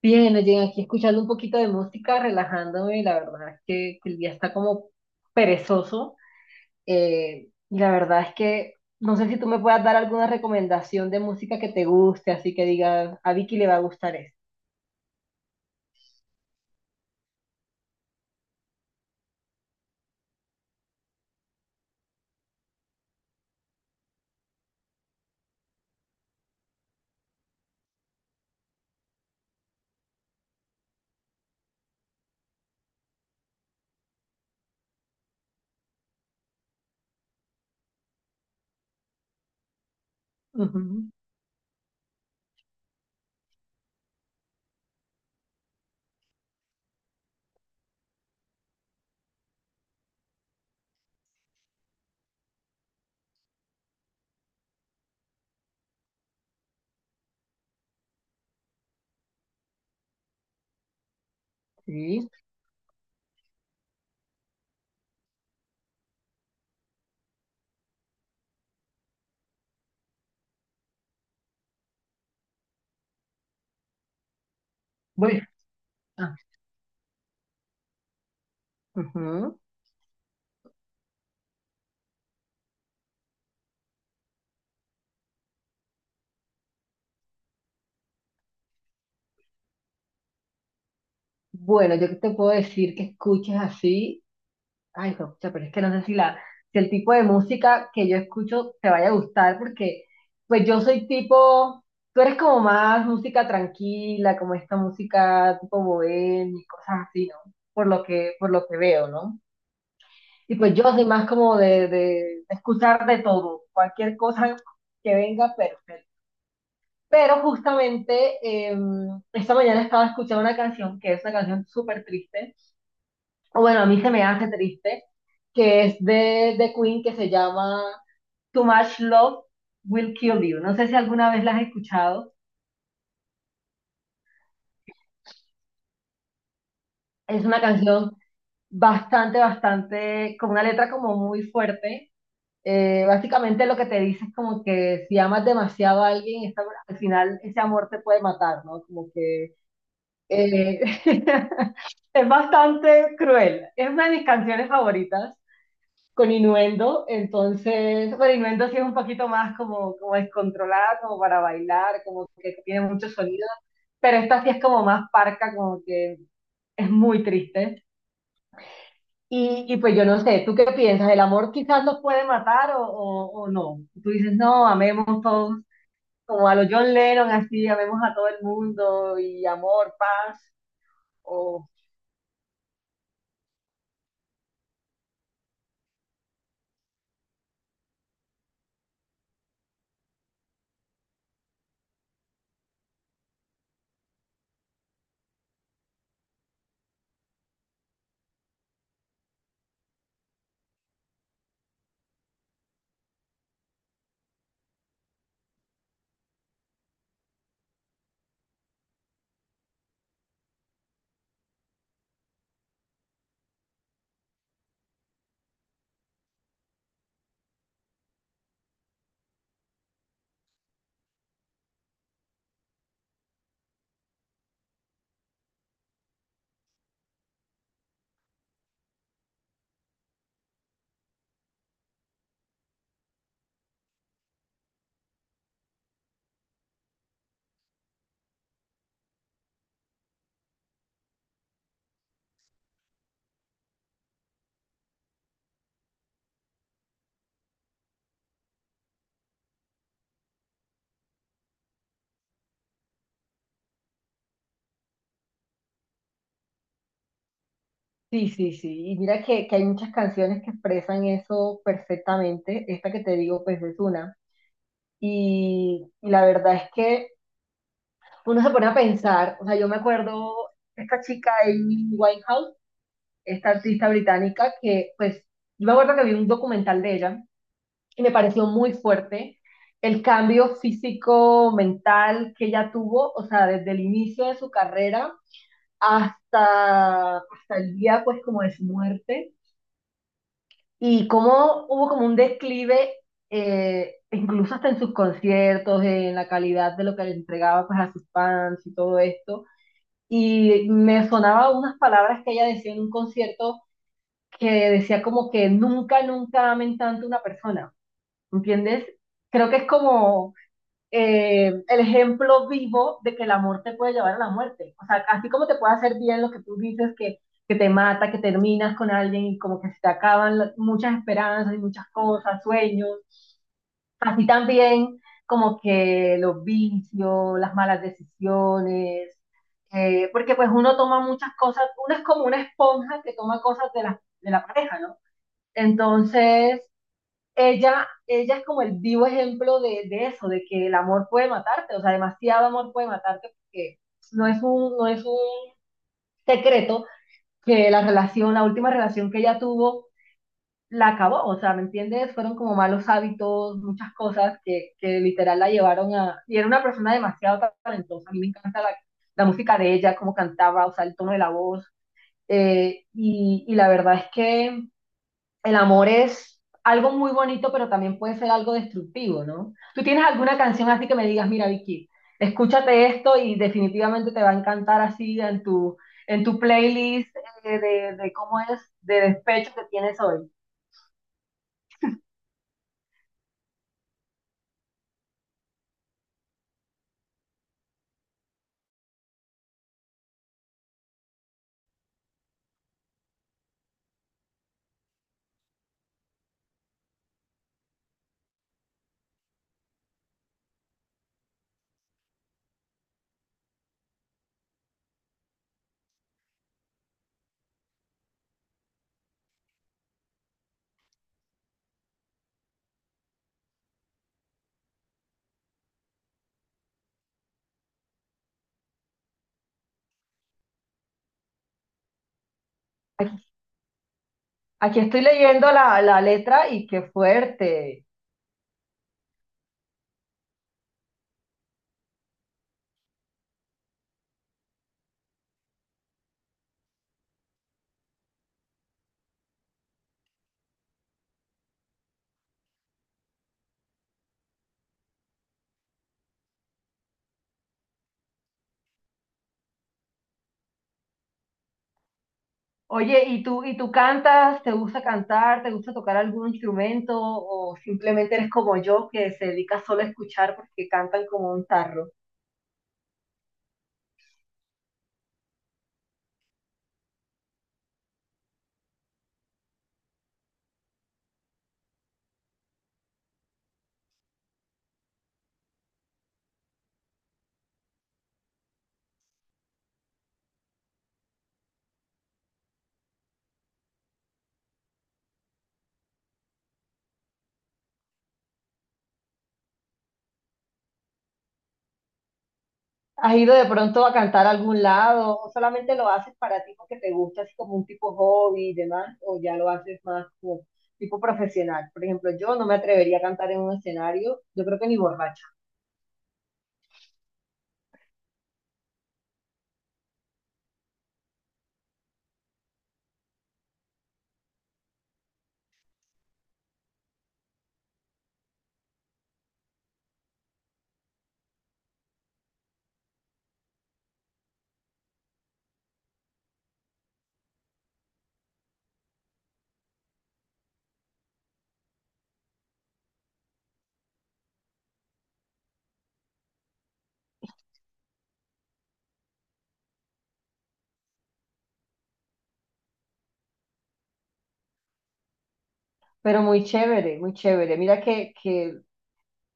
Bien, llegué aquí escuchando un poquito de música, relajándome, la verdad es que el día está como perezoso. Y la verdad es que no sé si tú me puedas dar alguna recomendación de música que te guste, así que digas, a Vicky le va a gustar esto. Ujú, sí. Bueno, ah, ujú. Bueno, yo que te puedo decir que escuches así. Ay, hijo de pucha, pero es que no sé si el tipo de música que yo escucho te vaya a gustar, porque pues yo soy tipo, tú eres como más música tranquila, como esta música tipo bohemia y cosas así, ¿no? Por por lo que veo, ¿no? Y pues yo soy más como de escuchar de todo, cualquier cosa que venga, perfecto. Pero justamente eh, esta mañana estaba escuchando una canción que es una canción súper triste o bueno, a mí se me hace triste, que es de Queen, que se llama Too Much Love Will Kill You. No sé si alguna vez la has escuchado. Es una canción bastante, con una letra como muy fuerte. Básicamente lo que te dice es como que si amas demasiado a alguien, al final ese amor te puede matar, ¿no? Como que eh, es bastante cruel. Es una de mis canciones favoritas. Con Innuendo, entonces, bueno, Innuendo sí es un poquito más como, como descontrolada, como para bailar, como que tiene mucho sonido, pero esta sí es como más parca, como que es muy triste. Y pues yo no sé, ¿tú qué piensas? ¿El amor quizás nos puede matar o no? Tú dices, no, amemos todos, como a los John Lennon, así, amemos a todo el mundo y amor, paz, o... Sí, sí, sí. Y mira que hay muchas canciones que expresan eso perfectamente. Esta que te digo, pues es una. Y la verdad es que uno se pone a pensar, o sea, yo me acuerdo esta chica Amy Winehouse, esta artista británica que, pues, yo me acuerdo que vi un documental de ella y me pareció muy fuerte el cambio físico, mental que ella tuvo, o sea, desde el inicio de su carrera hasta el día, pues, como de su muerte. Y cómo hubo como un declive, incluso hasta en sus conciertos, en la calidad de lo que le entregaba pues, a sus fans y todo esto. Y me sonaba unas palabras que ella decía en un concierto que decía como que nunca amen tanto a una persona, ¿entiendes? Creo que es como el ejemplo vivo de que el amor te puede llevar a la muerte. O sea, así como te puede hacer bien lo que tú dices, que te mata, que terminas con alguien y como que se te acaban muchas esperanzas y muchas cosas, sueños, así también como que los vicios, las malas decisiones, porque pues uno toma muchas cosas, uno es como una esponja que toma cosas de de la pareja, ¿no? Entonces, ella es como el vivo ejemplo de eso, de que el amor puede matarte, o sea, demasiado amor puede matarte porque no es no es un secreto que la última relación que ella tuvo, la acabó, o sea, ¿me entiendes? Fueron como malos hábitos, muchas cosas que literal la llevaron a... Y era una persona demasiado talentosa, a mí me encanta la música de ella, cómo cantaba, o sea, el tono de la voz, y la verdad es que el amor es algo muy bonito, pero también puede ser algo destructivo, ¿no? ¿Tú tienes alguna canción así que me digas, mira, Vicky, escúchate esto y definitivamente te va a encantar así en tu playlist de cómo es, de despecho que tienes hoy? Aquí estoy leyendo la letra y qué fuerte. Oye, ¿y y tú cantas? ¿Te gusta cantar? ¿Te gusta tocar algún instrumento? ¿O simplemente eres como yo que se dedica solo a escuchar porque cantan como un tarro? ¿Has ido de pronto a cantar a algún lado o solamente lo haces para ti porque te gusta así como un tipo hobby y demás o ya lo haces más como tipo profesional? Por ejemplo, yo no me atrevería a cantar en un escenario, yo creo que ni borracha, pero muy chévere, muy chévere. Mira que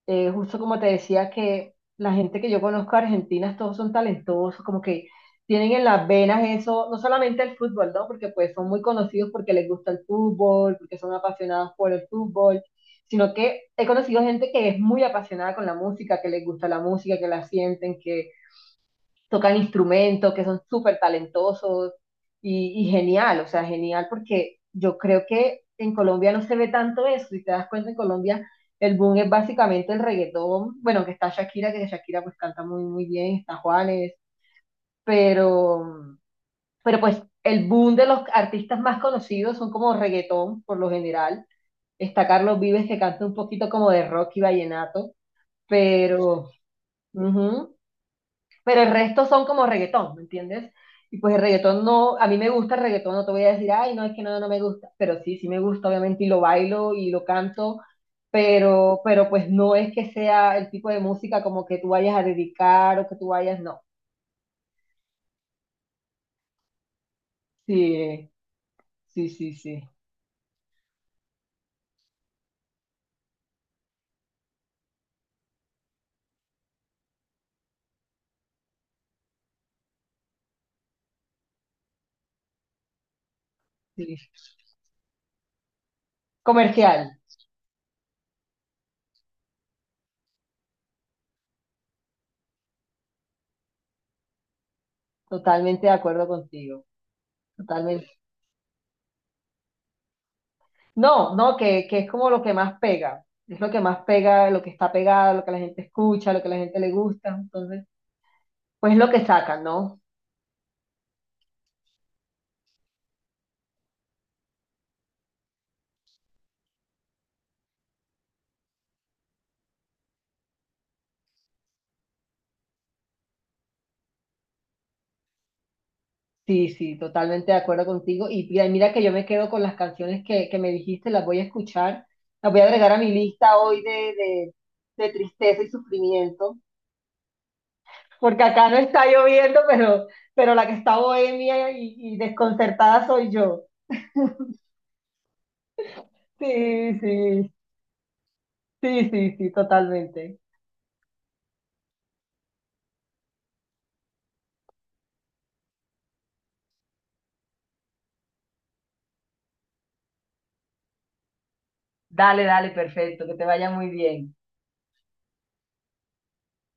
justo como te decía que la gente que yo conozco argentinas, todos son talentosos, como que tienen en las venas eso, no solamente el fútbol, ¿no? Porque pues son muy conocidos porque les gusta el fútbol, porque son apasionados por el fútbol, sino que he conocido gente que es muy apasionada con la música, que les gusta la música, que la sienten, que tocan instrumentos, que son súper talentosos y genial, o sea, genial porque yo creo que en Colombia no se ve tanto eso, si te das cuenta en Colombia el boom es básicamente el reggaetón, bueno, que está Shakira, que Shakira pues canta muy bien, está Juanes, pero, pero pues el boom de los artistas más conocidos son como reggaetón por lo general, está Carlos Vives que canta un poquito como de rock y vallenato, pero... ujú, pero el resto son como reggaetón, ¿me entiendes? Y pues el reggaetón no, a mí me gusta el reggaetón, no te voy a decir, ay, no, es que no me gusta, pero sí, sí me gusta, obviamente, y lo bailo y lo canto, pero pues no es que sea el tipo de música como que tú vayas a dedicar o que tú vayas, no. Sí, sí, sí, sí, sí. Comercial, totalmente de acuerdo contigo, totalmente. No, no, que es como lo que más pega, es lo que más pega, lo que está pegado, lo que la gente escucha, lo que la gente le gusta, entonces, pues es lo que sacan, ¿no? Sí, sí, totalmente de acuerdo contigo. Y mira que yo me quedo con las canciones que me dijiste, las voy a escuchar, las voy a agregar a mi lista hoy de tristeza y sufrimiento, porque acá no está lloviendo, pero la que está bohemia y desconcertada soy yo. Sí, sí, sí, sí, sí, totalmente. Dale, dale, perfecto, que te vaya muy bien.